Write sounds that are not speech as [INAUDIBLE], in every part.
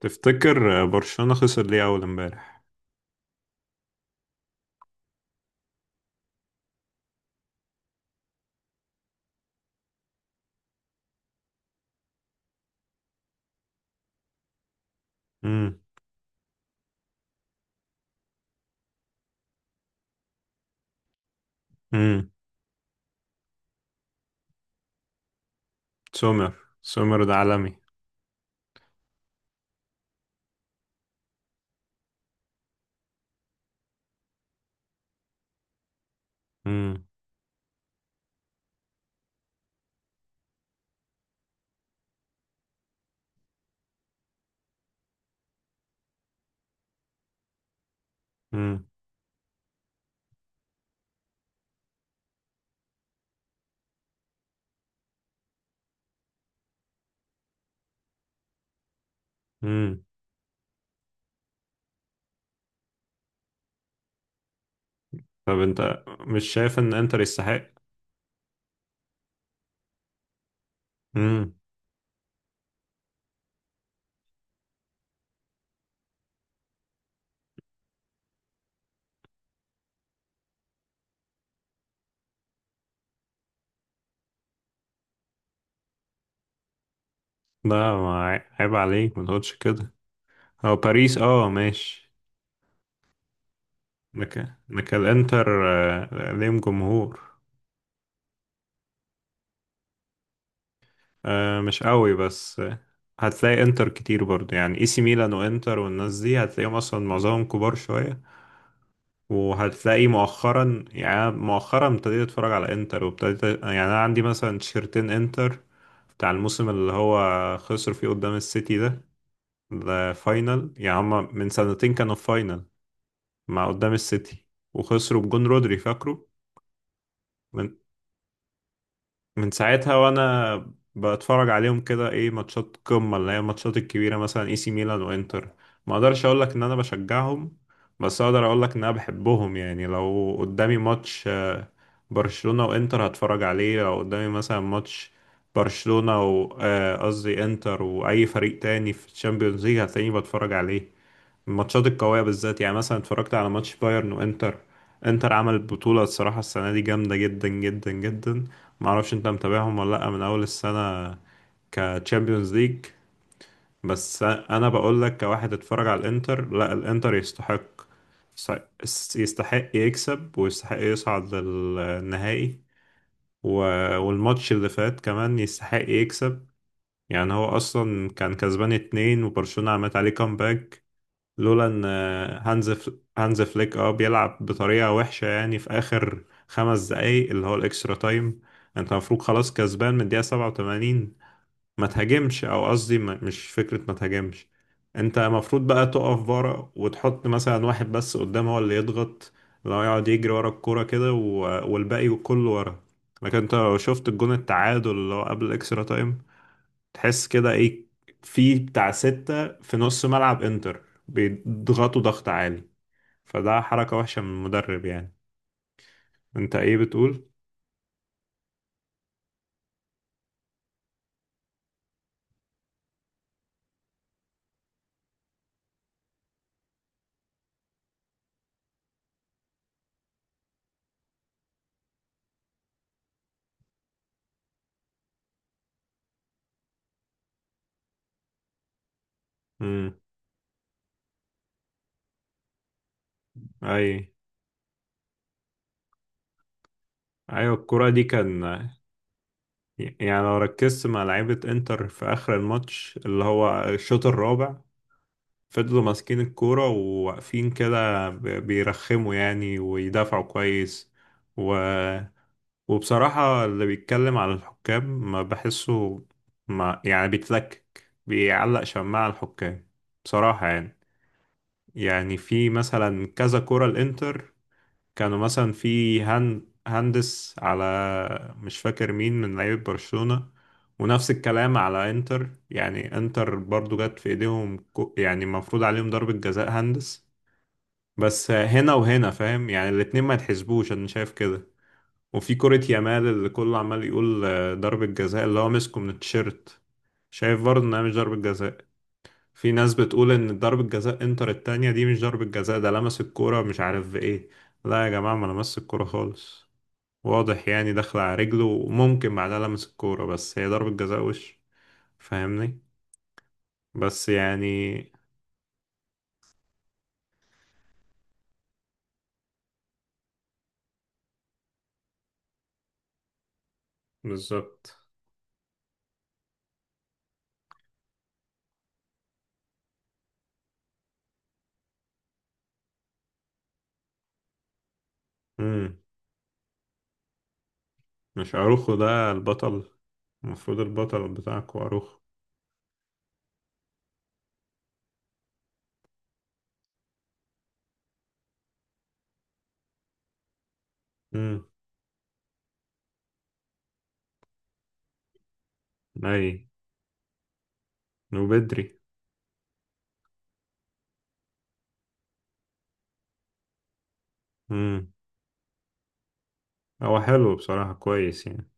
تفتكر برشلونة خسر ليه أول امبارح؟ امم. امم. سومر، سومر ده عالمي. امم. امم. امم. طب أنت مش شايف إن إنتر يستحق؟ امم. ده ما عي- عيب عليك ما تقولش كده. هو باريس أه، ماشي، لكن الإنتر آه، ليهم جمهور. آه، مش قوي بس. آه، هتلاقي إنتر كتير برضه، يعني إي سي ميلان وإنتر والناس دي هتلاقيهم أصلا معظمهم كبار شوية. وهتلاقي مؤخرا، يعني أنا مؤخرا ابتديت اتفرج على انتر، وابتديت، يعني انا عندي مثلا تيشرتين انتر بتاع الموسم اللي هو خسر فيه قدام السيتي ده. ده فاينل، يعني هما من سنتين كانوا في فاينل مع، قدام السيتي، وخسروا بجون رودري فاكره. من ساعتها وانا بتفرج عليهم كده، ايه، ماتشات قمة اللي هي الماتشات الكبيرة مثلا اي سي ميلان وانتر. ما اقدرش اقول لك ان انا بشجعهم، بس اقدر اقول لك ان انا بحبهم، يعني لو قدامي ماتش آه، برشلونة وانتر هتفرج عليه. لو قدامي مثلا ماتش برشلونة و قصدي انتر واي فريق تاني في الشامبيونز ليج هتلاقيني بتفرج عليه. الماتشات القوية بالذات، يعني مثلا اتفرجت على ماتش بايرن وانتر. انتر عمل بطولة، الصراحة السنة دي جامدة جدا جدا جدا. معرفش انت متابعهم ولا لأ من أول السنة كتشامبيونز ليج. بس أنا بقول لك، كواحد اتفرج على الانتر، لا، الانتر يستحق، يستحق يكسب ويستحق يصعد للنهائي و... والماتش اللي فات كمان يستحق يكسب. يعني هو أصلا كان كسبان اتنين وبرشلونة عملت عليه كامباك، لولا ان هانز فليك اه بيلعب بطريقة وحشة، يعني في اخر 5 دقايق اللي هو الاكسترا تايم. انت المفروض خلاص كسبان من الدقيقة 87، ما تهاجمش، او قصدي مش فكرة ما تهاجمش، انت المفروض بقى تقف ورا وتحط مثلا واحد بس قدام هو اللي يضغط، لو يقعد يجري ورا الكورة كده، والباقي كله ورا. لكن انت لو شفت الجون التعادل اللي هو قبل الاكسترا تايم تحس كده، ايه، في بتاع ستة في نص ملعب انتر بيضغطوا ضغط عالي. فده حركة وحشة من المدرب، يعني انت ايه بتقول؟ امم. اي. ايوه، الكرة دي كان، يعني لو ركزت مع لعيبة انتر في اخر الماتش اللي هو الشوط الرابع، فضلوا ماسكين الكورة وواقفين كده بيرخموا، يعني، ويدافعوا كويس. وبصراحة اللي بيتكلم على الحكام ما بحسه، ما، يعني بيتلكك، بيعلق شماعة على الحكام، بصراحة يعني. يعني في مثلا كذا كرة الانتر كانوا مثلا في هندس على، مش فاكر مين من لعيبة برشلونة. ونفس الكلام على انتر، يعني انتر برضو جت في ايديهم يعني مفروض عليهم ضربة جزاء هندس. بس هنا وهنا، فاهم، يعني الاتنين ما يتحسبوش، انا شايف كده. وفي كرة يامال اللي كله عمال يقول آه، ضربة جزاء اللي هو مسكه من التيشيرت، شايف برضه انها مش ضربة جزاء. في ناس بتقول ان ضربة جزاء انتر التانية دي مش ضربة جزاء، ده لمس الكورة مش عارف بايه. لا يا جماعة، ما لمس الكورة خالص، واضح يعني داخل على رجله وممكن بعدها لمس الكورة، بس هي ضربة جزاء وش، فاهمني، بس يعني. بالظبط. امم. مش اروخو ده البطل؟ المفروض البطل بتاعكوا اروخو. امم. اي. وبدري. مم. هو حلو بصراحة، كويس يعني.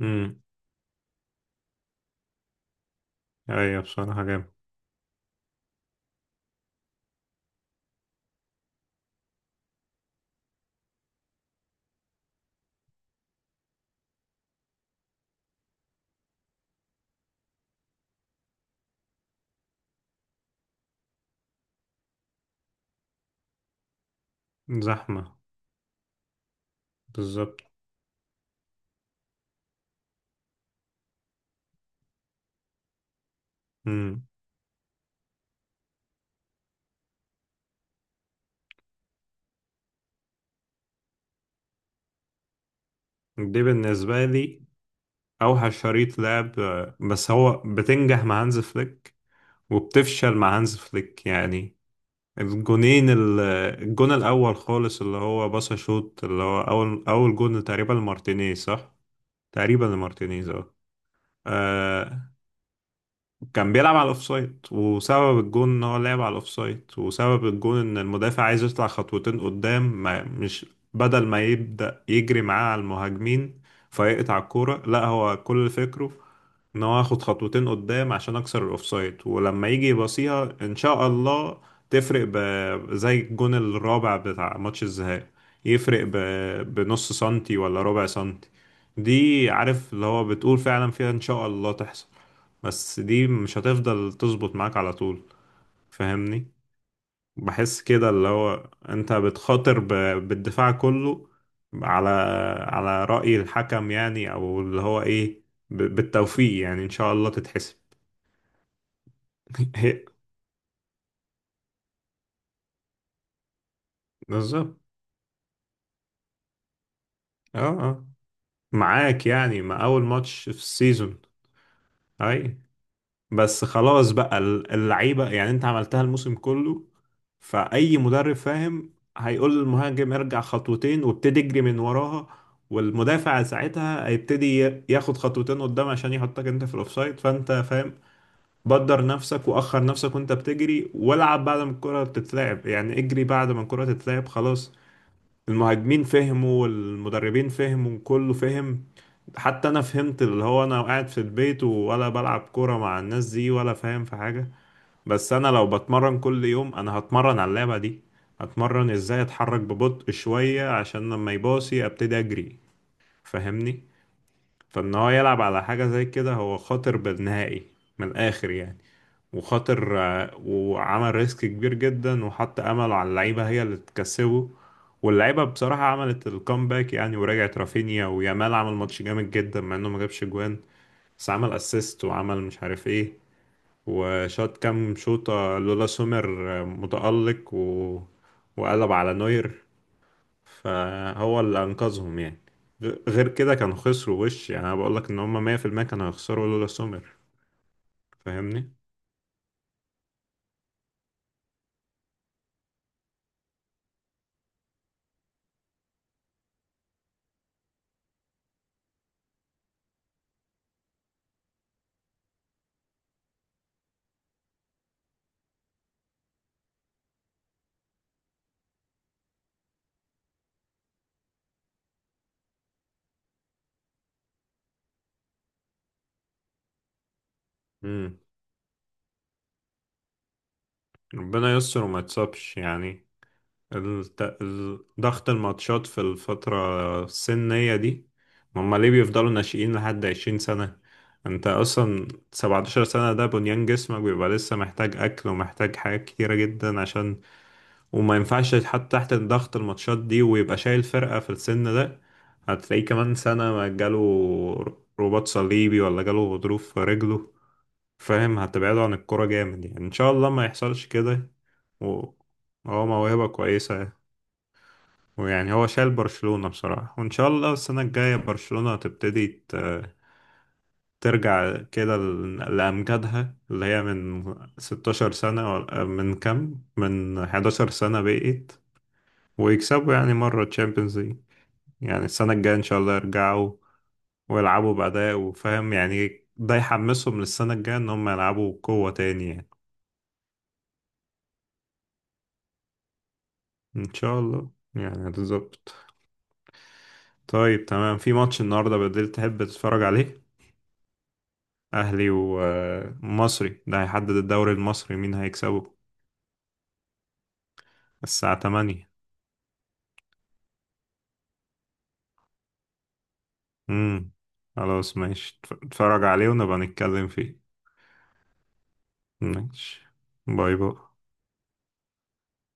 امم. ايوه بصراحة جامد. زحمة، بالظبط. امم. دي بالنسبة لي اوحش شريط لعب آه، بس هو بتنجح مع هانز فليك وبتفشل مع هانز فليك، يعني الجونين الجون الاول خالص اللي هو باصا شوت اللي هو اول جون تقريبا لمارتينيز، صح؟ تقريبا لمارتينيز، اه. آه، كان بيلعب على الاوفسايد، وسبب الجون ان هو لعب على الاوفسايد، وسبب الجون ان المدافع عايز يطلع خطوتين قدام، ما مش، بدل ما يبدأ يجري معاه على المهاجمين فيقطع الكورة، لا، هو كل فكره ان هو ياخد خطوتين قدام عشان اكسر الاوفسايد، ولما يجي يباصيها ان شاء الله تفرق ب... زي الجون الرابع بتاع ماتش الذهاب، يفرق ب... بنص سنتي ولا ربع سنتي. دي عارف اللي هو بتقول فعلا فيها ان شاء الله تحصل، بس دي مش هتفضل تظبط معاك على طول، فاهمني. بحس كده اللي هو انت بتخاطر ب... بالدفاع كله، على، على رأي الحكم يعني، او اللي هو ايه، ب... بالتوفيق يعني ان شاء الله تتحسب. [LAUGHS] هي- بالظبط. اه، اه، معاك، يعني مع اول ماتش في السيزون. اي. بس خلاص بقى اللعيبة، يعني انت عملتها الموسم كله، فأي مدرب فاهم هيقول للمهاجم ارجع خطوتين وابتدي اجري من وراها، والمدافع ساعتها هيبتدي ياخد خطوتين قدام عشان يحطك انت في الاوفسايد، فانت فاهم، بدر نفسك واخر نفسك وانت بتجري، والعب بعد ما الكرة تتلعب، يعني اجري بعد ما الكرة تتلعب، خلاص. المهاجمين فهموا والمدربين فهموا، كله فهم، حتى انا فهمت اللي هو انا قاعد في البيت ولا بلعب كورة مع الناس دي ولا فاهم في حاجة. بس انا لو بتمرن كل يوم انا هتمرن على اللعبة دي، هتمرن ازاي اتحرك ببطء شوية عشان لما يباصي ابتدي اجري، فاهمني. فان هو يلعب على حاجة زي كده، هو خاطر بالنهائي من الاخر يعني، وخاطر آه، وعمل ريسك كبير جدا وحط امله على اللعيبة هي اللي تكسبه. واللعيبة بصراحة عملت الكومباك، يعني ورجعت رافينيا ويامال عمل ماتش جامد جدا، مع انه ما جابش جوان، بس عمل اسيست وعمل مش عارف ايه، وشاط كام شوطة، لولا سومر آه، متألق و... وقلب على نوير، فهو اللي انقذهم يعني. غير كده كانوا خسروا وش، يعني انا بقول لك ان هم 100% كانوا هيخسروا لولا سومر، فاهمني. امم. ربنا يستر وما يتصابش يعني، ضغط الماتشات في الفترة السنية دي. ما هم ليه بيفضلوا ناشئين لحد 20 سنة؟ انت اصلا 17 سنة، ده بنيان جسمك بيبقى لسه محتاج اكل ومحتاج حاجات كتيرة جدا عشان، وما ينفعش يتحط تحت ضغط الماتشات دي ويبقى شايل فرقة في السن ده. هتلاقيه كمان سنة ما جاله رباط صليبي ولا جاله غضروف في رجله، فاهم، هتبعده عن الكرة جامد، يعني ان شاء الله ما يحصلش كده. و- هو موهبة كويسة، ويعني هو شايل برشلونة بصراحة، وإن شاء الله السنة الجاية برشلونة تبتدي ترجع كده لأمجادها اللي هي من 16 سنة من كام؟ من 11 سنة بقيت، ويكسبوا يعني مرة تشامبيونز ليج. يعني السنة الجاية إن شاء الله يرجعوا، ويلعبوا بأداء، وفاهم يعني، ده يحمسهم للسنة الجاية إن هم يلعبوا بقوة تاني يعني. إن شاء الله يعني، بالظبط. طيب تمام، في ماتش النهاردة بالليل تحب تتفرج عليه؟ أهلي ومصري ده هيحدد الدوري المصري مين هيكسبه. الساعة تمانية. امم. خلاص ماشي، اتفرج عليه ونبقى نتكلم فيه. ماشي، باي باي.